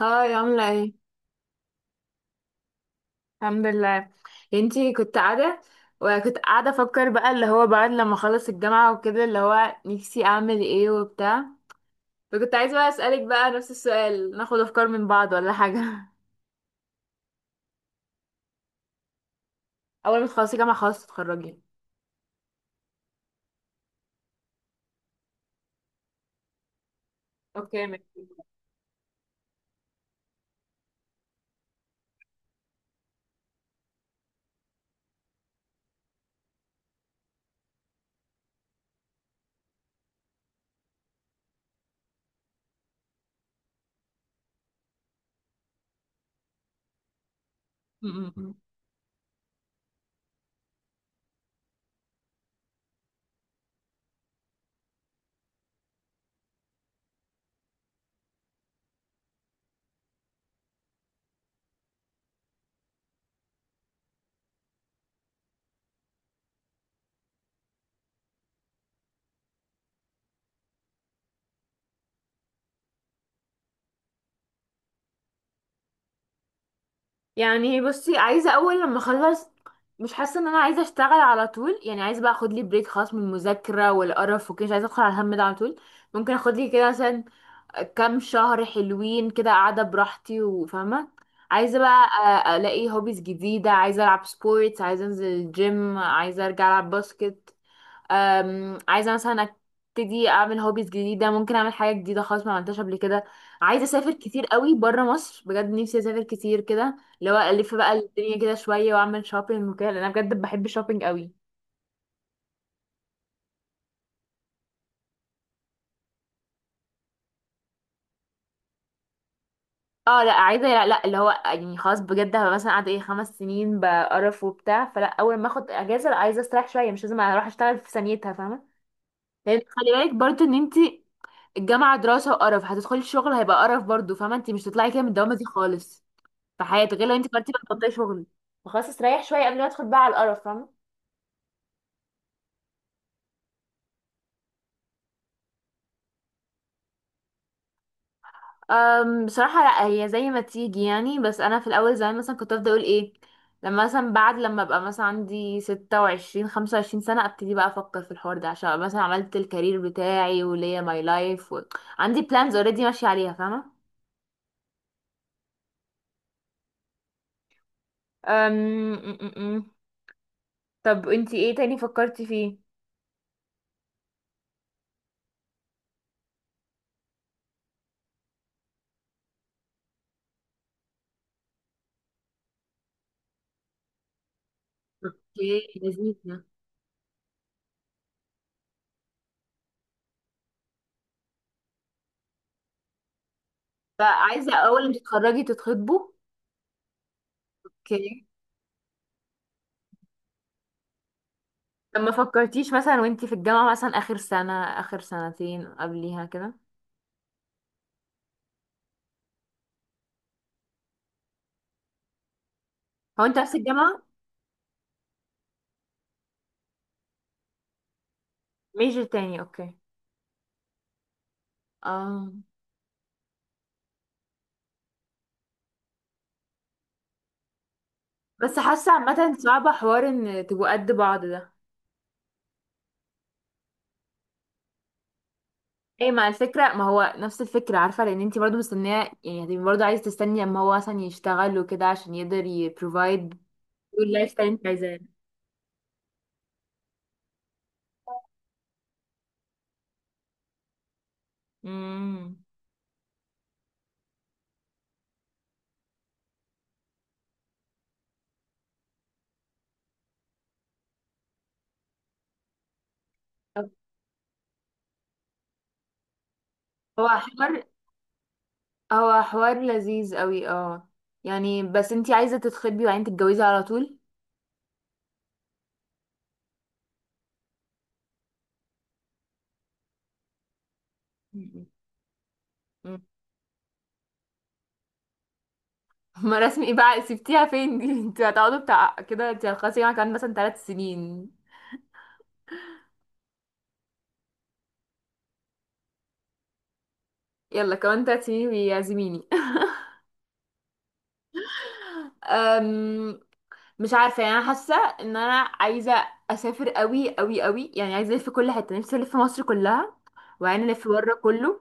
هاي عاملة ايه؟ الحمد لله. انتي كنت قاعدة وكنت قاعدة افكر بقى اللي هو بعد لما اخلص الجامعة وكده اللي هو نفسي اعمل ايه وبتاع. فكنت عايزة بقى اسألك بقى نفس السؤال، ناخد افكار من بعض ولا حاجة؟ اول ما تخلصي جامعة خلاص تتخرجي. اوكي، ماشي. م- م- م. يعني بصي، عايزة اول لما اخلص مش حاسة ان انا عايزة اشتغل على طول، يعني عايزة بقى اخد لي بريك خاص من المذاكرة والقرف وكده، مش عايزة ادخل على الهم ده على طول. ممكن اخد لي كده مثلا كام شهر حلوين كده قاعدة براحتي وفاهمة. عايزة بقى ألاقي هوبيز جديدة، عايزة ألعب سبورتس، عايزة أنزل الجيم، عايزة أرجع ألعب باسكت. عايزة مثلا أبتدي أعمل هوبيز جديدة، ممكن أعمل حاجة جديدة خالص ما عملتهاش قبل كده. عايزة أسافر كتير قوي برا مصر، بجد نفسي أسافر كتير كده، اللي هو ألف بقى الدنيا كده شوية وأعمل شوبينج وكده، لأن أنا بجد بحب الشوبينج قوي. اه لا عايزه، لا لا، اللي هو يعني خلاص بجد هبقى مثلا قاعده ايه 5 سنين بقرف وبتاع، فلا اول ما اخد اجازه لا عايزه استريح شويه، مش لازم اروح اشتغل في ثانيتها، فاهمه؟ لان خلي بالك برضو ان انت الجامعه دراسه وقرف، هتدخلي الشغل هيبقى قرف برضو، فاهمه انت مش هتطلعي كده من الدوامه دي خالص في حياتك، غير لو انت قررتي بقى تبطلي شغل. فخلاص استريح شويه قبل ما ادخل بقى على القرف، فاهمه؟ بصراحة لا، هي زي ما تيجي يعني، بس أنا في الأول زمان مثلا كنت أفضل أقول إيه، لما مثلا بعد لما أبقى مثلا عندي 26 25 سنة أبتدي بقى أفكر في الحوار ده، عشان أبقى مثلا عملت الكارير بتاعي وليا ماي لايف و عندي بلانز اوريدي ماشية عليها، فاهمة؟ أم... م- م- م. طب انتي ايه تاني فكرتي فيه؟ اوكي، لذيذة. فعايزة أول ما تتخرجي تتخطبوا. اوكي. طب ما فكرتيش مثلا وانتي في الجامعة مثلا آخر سنة، آخر سنتين قبليها كده؟ هو انت نفس الجامعة؟ ميجر تاني، اوكي. اه. بس حاسه عامه صعبه حوار ان تبقوا قد بعض ده. ايه مع الفكره؟ ما هو نفس الفكره، عارفه لان انتي برضو مستنيه، يعني هتبقي برضو عايزه تستني اما هو مثلا يشتغل وكده عشان يقدر يبروفايد اللايف ستايل اللي انت عايزاه. امم. هو حوار، هو حوار لذيذ قوي، اه يعني. بس انتي عايزه تتخطبي وبعدين تتجوزي على طول؟ مم. مم. ما رسمي ايه بقى، سبتيها فين دي؟ انتوا هتقعدوا بتاع كده، انتي هتخلصي يعني كمان مثلا 3 سنين. يلا كمان 3 سنين بيعزميني. أم، مش عارفة يعني، أنا حاسة إن أنا عايزة أسافر أوي أوي أوي، يعني عايزة ألف في كل حتة، نفسي ألف في مصر كلها وبعدين ألف بره كله.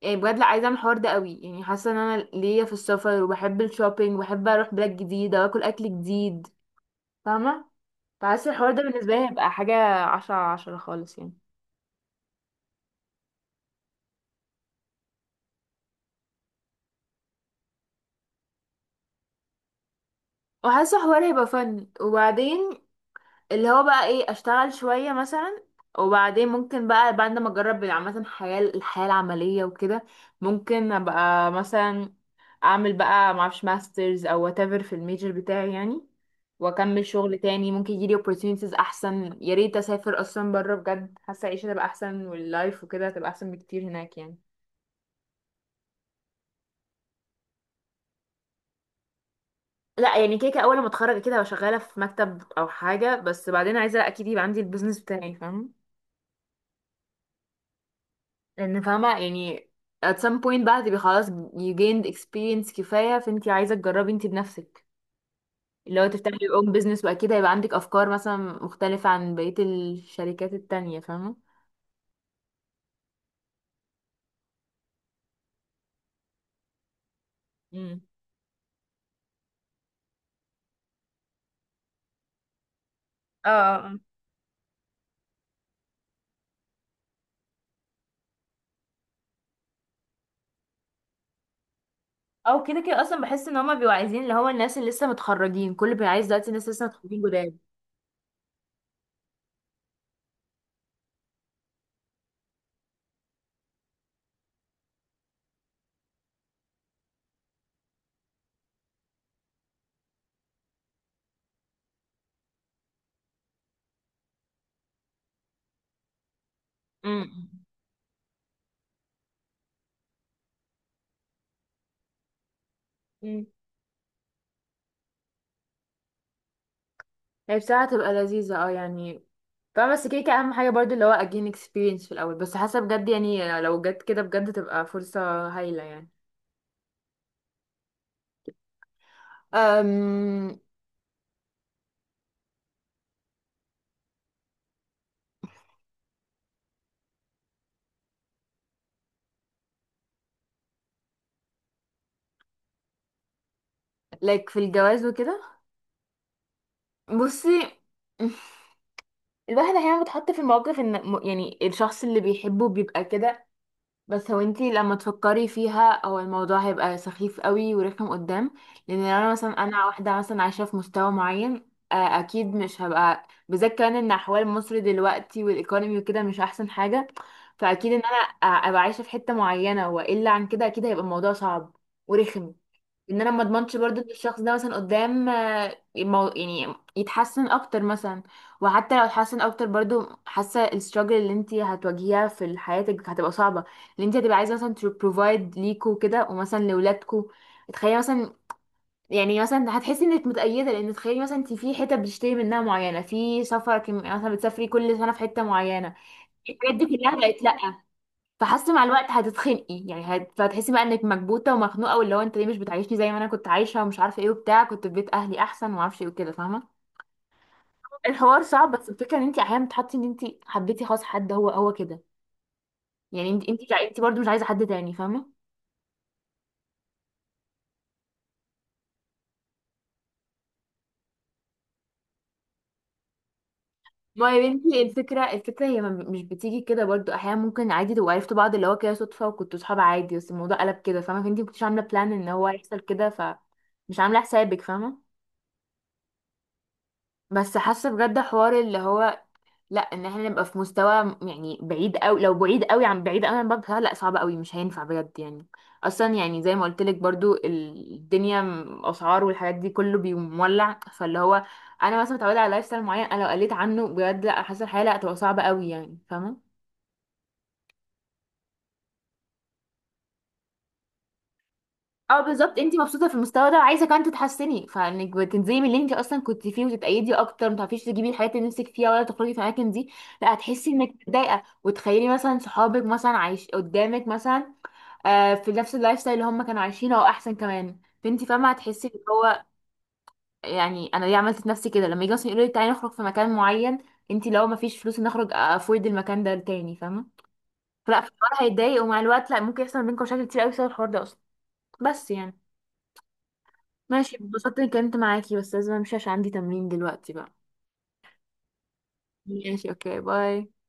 يعني بجد لا، عايزة أعمل الحوار ده أوي، يعني حاسة إن أنا ليا في السفر، وبحب الشوبينج وبحب أروح بلاد جديدة وآكل أكل جديد، فاهمة؟ فحاسة الحوار ده بالنسبة لي هيبقى حاجة 10/10 خالص يعني. وحاسة الحوار هيبقى فن، وبعدين اللي هو بقى ايه، اشتغل شوية مثلا، وبعدين ممكن بقى بعد ما اجرب عامة الحياة، الحياة العملية وكده، ممكن ابقى مثلا اعمل بقى معرفش ماسترز او whatever في الميجر بتاعي يعني، واكمل شغل تاني، ممكن يجيلي opportunities احسن، يا ريت اسافر اصلا بره بجد، حاسة العيشة تبقى احسن واللايف وكده تبقى احسن بكتير هناك يعني. لا يعني كده كده اول ما اتخرج كده هبقى شغالة في مكتب او حاجة، بس بعدين عايزة اكيد يبقى عندي البيزنس بتاعي، فاهم؟ لان فاهمة يعني at some point بقى هتبقي خلاص you gained experience كفاية، فانتي عايزة تجربي انتي بنفسك، اللي هو تفتحي your own business، واكيد هيبقى عندك افكار مثلا مختلفة عن بقية الشركات التانية، فاهمة؟ امم. اه. آه، آه. او كده كده اصلا بحس ان هما بيبقوا عايزين اللي هو الناس اللي لسه متخرجين، كل بيبقى عايز دلوقتي الناس لسه متخرجين جداد. امم. امم. هي بصراحة هتبقى لذيذة، اه يعني، فاهمة بس كده كده اهم حاجة برضو اللي هو again experience في الاول، بس حاسة بجد يعني لو جت كده بجد تبقى فرصة هايلة يعني. أم... like في الجواز وكده. بصي، الواحد احيانا بيتحط في الموقف ان يعني الشخص اللي بيحبه بيبقى كده، بس هو انتي لما تفكري فيها هو الموضوع هيبقى سخيف قوي ورخم قدام، لان لو انا مثلا، انا واحده مثلا عايشه في مستوى معين آه، اكيد مش هبقى، بالذات كمان ان احوال مصر دلوقتي والايكونومي وكده مش احسن حاجه، فاكيد ان انا ابقى عايشه في حته معينه، والا عن كده اكيد هيبقى الموضوع صعب ورخم. ان انا ما اضمنش برضو ان الشخص ده مثلا قدام آه، يعني يتحسن اكتر مثلا، وحتى لو اتحسن اكتر برضو حاسه الستراجل اللي انت هتواجهيها في حياتك هتبقى صعبه، اللي انت هتبقى عايزه مثلا تبروفايد ليكوا كده ومثلا لولادكوا. تخيلي مثلا، يعني مثلا هتحسي انك متأيدة، لان تخيلي مثلا انت في حتة بتشتري منها معينة، في سفر مثلا بتسافري كل سنة في حتة معينة، الحاجات دي كلها بقت لأ. فحاسه مع الوقت هتتخنقي، يعني هتحسي بقى انك مكبوته ومخنوقه، واللي هو انت ليه مش بتعيشني زي ما انا كنت عايشه، ومش عارفه ايه وبتاع، كنت في بيت اهلي احسن وما اعرفش ايه وكده، فاهمه؟ الحوار صعب، بس الفكره ان انت احيانا بتحطي ان انت حبيتي خلاص حد هو هو كده، يعني انت انت انت برضه مش عايزه حد تاني، فاهمه؟ ما يا بنتي الفكره، الفكره هي مش بتيجي كده برضه، احيانا ممكن عادي تبقوا عرفتوا بعض اللي هو كده صدفه، وكنتوا صحاب عادي بس الموضوع قلب كده، فاهمه؟ فانت ما كنتيش عامله بلان ان هو يحصل كده، فمش عامله حسابك فاهمه. بس حاسه بجد حوار اللي هو لا، ان احنا نبقى في مستوى يعني بعيد قوي، لو بعيد قوي عن، بعيد قوي عن بعض، بصراحة لا صعب قوي مش هينفع بجد يعني. اصلا يعني زي ما قلت لك برضو الدنيا اسعار والحاجات دي كله بيولع، فاللي هو انا مثلا متعوده على لايف ستايل معين، انا لو قلت عنه بجد لا، حاسه الحياه لا هتبقى صعبه قوي يعني، فاهمه؟ اه بالظبط، انت مبسوطه في المستوى ده وعايزه كمان تتحسني، فانك بتنزلي من اللي انت اصلا كنت فيه وتتأيدي اكتر، ما تعرفيش تجيبي الحاجات اللي نفسك فيها، ولا تخرجي في الاماكن دي، لا هتحسي انك متضايقه، وتخيلي مثلا صحابك مثلا عايش قدامك مثلا آه، في نفس اللايف ستايل اللي هم كانوا عايشينه او احسن كمان، فانت فاهمه هتحسي ان هو يعني انا ليه عملت في نفسي كده؟ لما يجي مثلا يقولوا لي تعالي نخرج في مكان معين، انت لو ما فيش فلوس نخرج افورد المكان ده تاني، فاهمه؟ فلا في الحوار هيتضايق، ومع الوقت لا ممكن يحصل بينكم مشاكل كتير قوي بسبب الحوار ده اصلا، بس يعني. ماشي، اتبسطت اني اتكلمت معاكي، بس لازم امشي عشان عندي تمرين دلوقتي بقى. ماشي، اوكي باي.